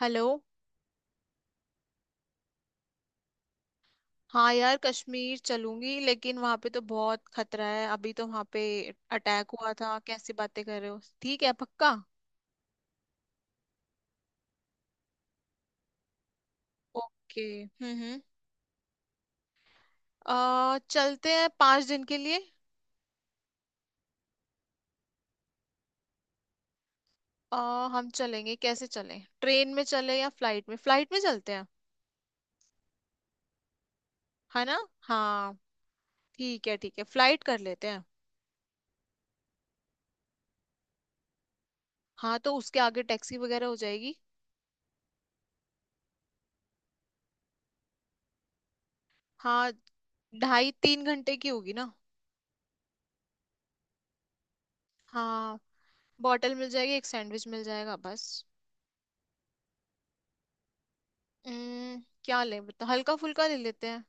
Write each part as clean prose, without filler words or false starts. Hello. हाँ यार कश्मीर चलूंगी, लेकिन वहां पे तो बहुत खतरा है। अभी तो वहां पे अटैक हुआ था, कैसी बातें कर रहे हो। ठीक है, पक्का? ओके, हम्म। आ चलते हैं पांच दिन के लिए। आ हम चलेंगे कैसे, चलें ट्रेन में चले या फ्लाइट में? फ्लाइट में चलते हैं। है ना। हाँ, ठीक है ठीक है, फ्लाइट कर लेते हैं। हाँ, तो उसके आगे टैक्सी वगैरह हो जाएगी। हाँ, ढाई तीन घंटे की होगी ना। हाँ, बॉटल मिल जाएगी, एक सैंडविच मिल जाएगा बस। क्या ले बता, हल्का फुल्का ले लेते हैं।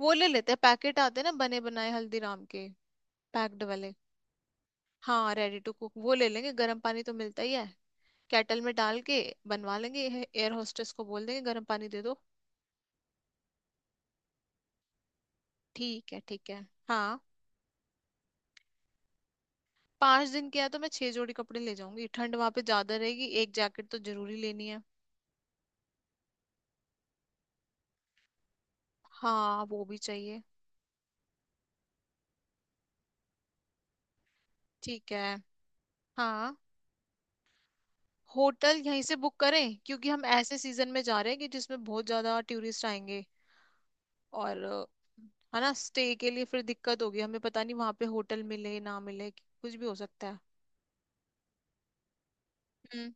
वो ले लेते हैं, पैकेट आते हैं ना बने बनाए हल्दीराम के, पैक्ड वाले। हाँ रेडी टू कुक वो ले लेंगे, गर्म पानी तो मिलता ही है। केटल में डाल के बनवा लेंगे। एयर होस्टेस को बोल देंगे गर्म पानी दे दो। ठीक है ठीक है, हाँ। पांच दिन किया तो मैं छह जोड़ी कपड़े ले जाऊंगी। ठंड वहां पे ज्यादा रहेगी, एक जैकेट तो जरूरी लेनी है। हाँ वो भी चाहिए। ठीक है। हाँ। होटल यहीं से बुक करें, क्योंकि हम ऐसे सीजन में जा रहे हैं कि जिसमें बहुत ज्यादा टूरिस्ट आएंगे। और है ना, स्टे के लिए फिर दिक्कत होगी। हमें पता नहीं वहां पे होटल मिले ना मिले, कुछ भी हो सकता है। हम्म।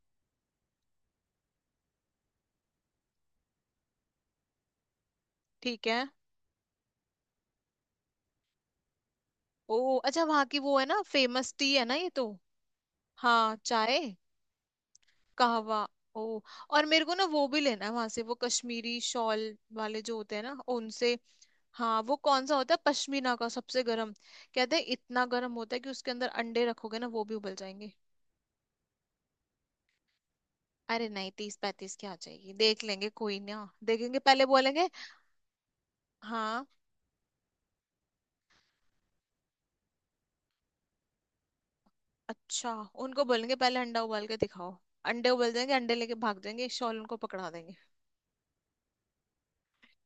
ठीक है। ओ अच्छा, वहाँ की वो है ना फेमस टी है ना ये तो। हाँ चाय कहवा। ओ। और मेरे को ना वो भी लेना है वहां से, वो कश्मीरी शॉल वाले जो होते हैं ना, उनसे। हाँ, वो कौन सा होता है पश्मीना का, सबसे गर्म कहते हैं। इतना गर्म होता है कि उसके अंदर अंडे रखोगे ना, वो भी उबल जाएंगे। अरे नहीं, तीस पैंतीस की आ जाएगी, देख लेंगे कोई ना, देखेंगे पहले, बोलेंगे। हाँ। अच्छा, उनको बोलेंगे पहले अंडा उबाल के दिखाओ। अंडे उबल जाएंगे, अंडे लेके भाग जाएंगे, शॉल उनको पकड़ा देंगे।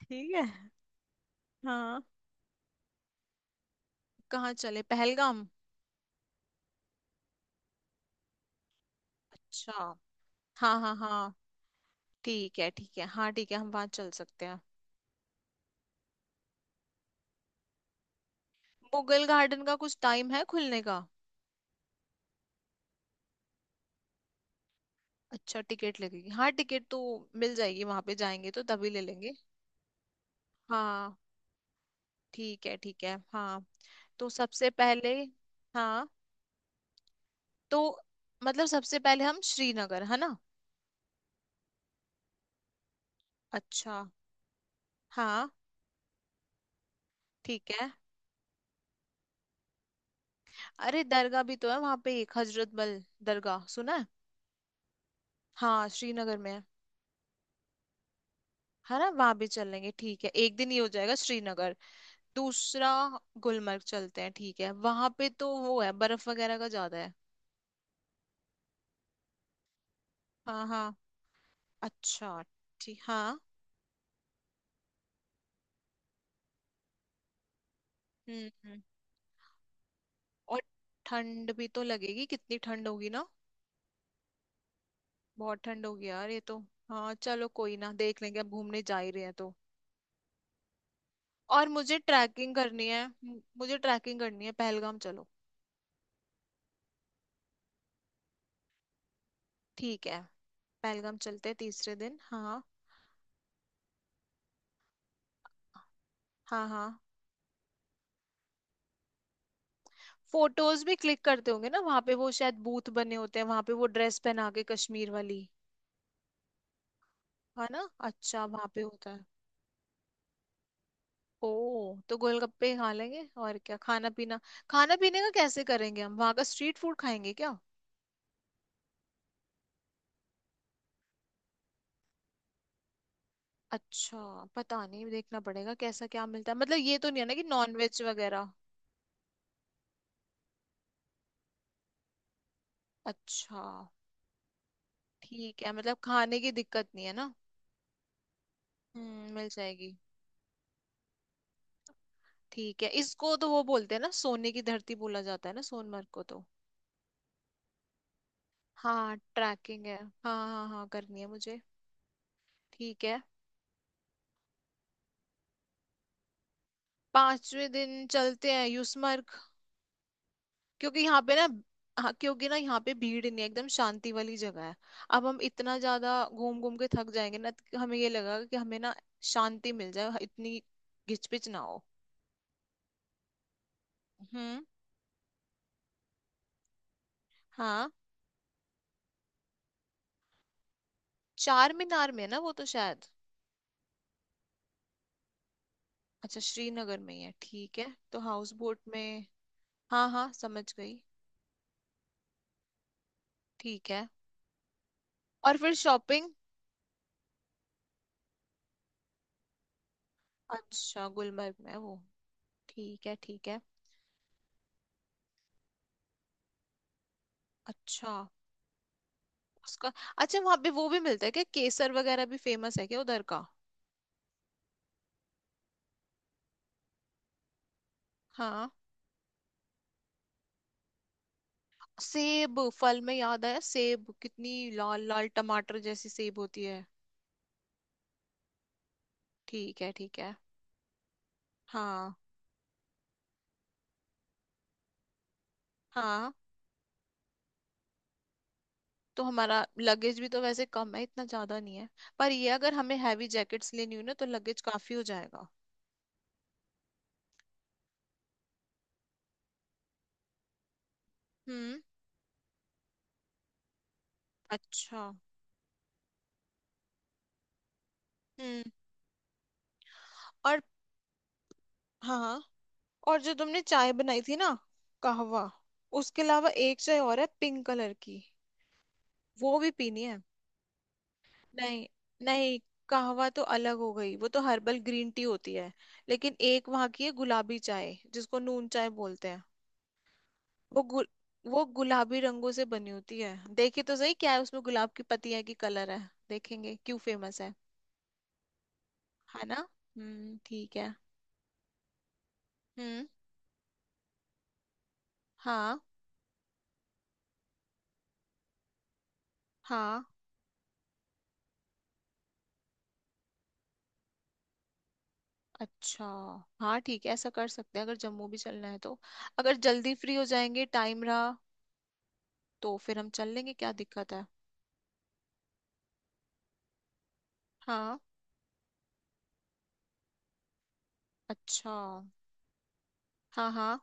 ठीक है। हाँ। कहाँ चले पहलगाम। अच्छा। हाँ हाँ हाँ। ठीक है हाँ ठीक है, हम वहां चल सकते हैं। मुगल गार्डन का कुछ टाइम है खुलने का? अच्छा टिकट लगेगी। हाँ टिकट तो मिल जाएगी, वहां पे जाएंगे तो तभी ले लेंगे। हाँ। ठीक है ठीक है, हाँ। तो सबसे पहले। हाँ। तो मतलब सबसे पहले हम श्रीनगर, है ना। अच्छा। हाँ। ठीक है। अरे दरगाह भी तो है वहां पे, एक हजरत बल दरगाह सुना है। हाँ श्रीनगर में है। है ना, वहां भी चल लेंगे। ठीक है, एक दिन ये हो जाएगा श्रीनगर। दूसरा गुलमर्ग चलते हैं। ठीक है, वहां पे तो वो है बर्फ वगैरह का ज्यादा है। हाँ हाँ। अच्छा। ठीक हाँ। हम्म हम्म। और ठंड भी तो लगेगी, कितनी ठंड होगी ना। बहुत ठंड होगी यार ये तो। हाँ, चलो कोई ना, देख लेंगे, अब घूमने जा ही रहे हैं तो। और मुझे ट्रैकिंग करनी है, मुझे ट्रैकिंग करनी है, पहलगाम चलो। ठीक है, पहलगाम चलते हैं तीसरे दिन। हाँ। हाँ हाँ। फोटोज भी क्लिक करते होंगे ना वहां पे, वो शायद बूथ बने होते हैं वहां पे, वो ड्रेस पहना के कश्मीर वाली। है ना, अच्छा, वहां पे होता है। ओ, तो गोलगप्पे खा लेंगे। और क्या खाना पीना? खाना पीने का कैसे करेंगे, हम वहां का स्ट्रीट फूड खाएंगे क्या? अच्छा, पता नहीं, देखना पड़ेगा कैसा क्या मिलता है। मतलब ये तो नहीं है ना कि नॉन वेज वगैरह। अच्छा। ठीक है, मतलब खाने की दिक्कत नहीं है ना। हम्म, मिल जाएगी। ठीक है, इसको तो वो बोलते हैं ना सोने की धरती, बोला जाता है ना सोनमर्ग को तो। हाँ ट्रैकिंग है। हाँ हाँ हाँ, करनी है मुझे। ठीक है। पांचवें दिन चलते हैं यूसमर्ग, क्योंकि यहाँ पे ना। हाँ, क्योंकि ना यहाँ पे भीड़ नहीं है, एकदम शांति वाली जगह है। अब हम इतना ज्यादा घूम घूम के थक जाएंगे ना, तो हमें ये लगा कि हमें ना शांति मिल जाए, हाँ, इतनी घिचपिच ना हो। हम्म। हाँ। चार मीनार में है ना वो तो शायद। अच्छा श्रीनगर में ही है, ठीक है। तो हाउस बोट में। हाँ हाँ, समझ गई। ठीक है। और फिर शॉपिंग। अच्छा गुलमर्ग में है वो। ठीक है ठीक है। अच्छा। उसका अच्छा, वहां पे वो भी मिलता है क्या, केसर वगैरह भी फेमस है क्या उधर का? हाँ। सेब, फल में याद आया, सेब कितनी लाल लाल टमाटर जैसी सेब होती है। ठीक है ठीक है। हाँ। हाँ, तो हमारा लगेज भी तो वैसे कम है, इतना ज्यादा नहीं है। पर ये अगर हमें हैवी जैकेट्स लेनी हो ना, तो लगेज काफी हो जाएगा। हम्म। अच्छा। हम्म। और हाँ हाँ। और जो तुमने चाय बनाई थी ना, कहवा, उसके अलावा एक चाय और है पिंक कलर की, वो भी पीनी है। नहीं नहीं, कहवा तो अलग हो गई, वो तो हर्बल ग्रीन टी होती है। लेकिन एक वहां की है गुलाबी चाय, जिसको नून चाय बोलते हैं। वो गु, वो गुलाबी रंगों से बनी होती है, देखिए तो सही क्या है उसमें, गुलाब की पत्तियां की कलर है। देखेंगे क्यों फेमस है। है ना। ठीक है। हम्म। हाँ। हाँ। अच्छा। हाँ ठीक है, ऐसा कर सकते हैं, अगर जम्मू भी चलना है तो, अगर जल्दी फ्री हो जाएंगे, टाइम रहा, तो फिर हम चल लेंगे, क्या दिक्कत है। हाँ। अच्छा। हाँ हाँ।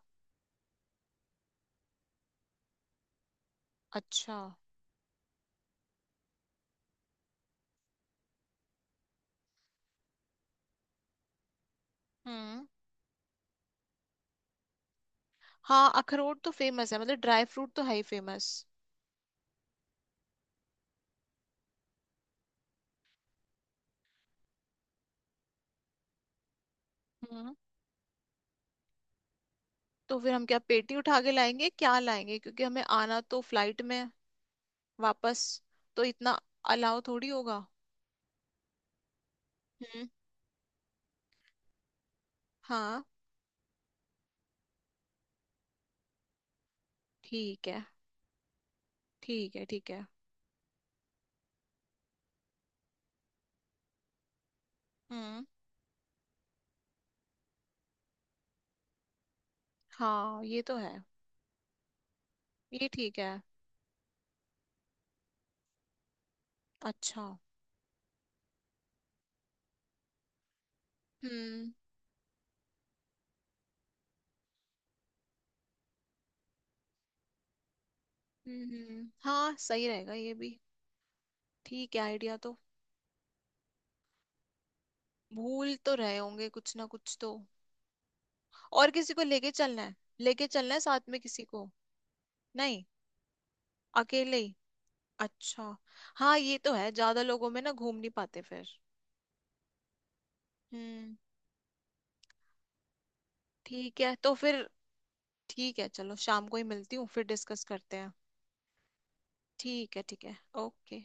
अच्छा। हम्म। हाँ अखरोट तो फेमस है, मतलब ड्राई फ्रूट तो है ही फेमस। हम्म। तो फिर हम क्या पेटी उठा के लाएंगे, क्या लाएंगे, क्योंकि हमें आना तो फ्लाइट में है वापस। तो इतना अलाउ थोड़ी होगा। हम्म। हाँ। ठीक है ठीक है। ठीक है। हम्म। हाँ ये तो है। ये ठीक है। अच्छा। हम्म हम्म। हाँ सही रहेगा ये भी। ठीक है, आइडिया तो। भूल तो रहे होंगे कुछ ना कुछ तो। और किसी को लेके चलना है, लेके चलना है साथ में किसी को? नहीं, अकेले ही। अच्छा, हाँ ये तो है, ज्यादा लोगों में ना घूम नहीं पाते फिर। हम्म। ठीक है, तो फिर ठीक है, चलो शाम को ही मिलती हूँ, फिर डिस्कस करते हैं। ठीक है ठीक है। ओके।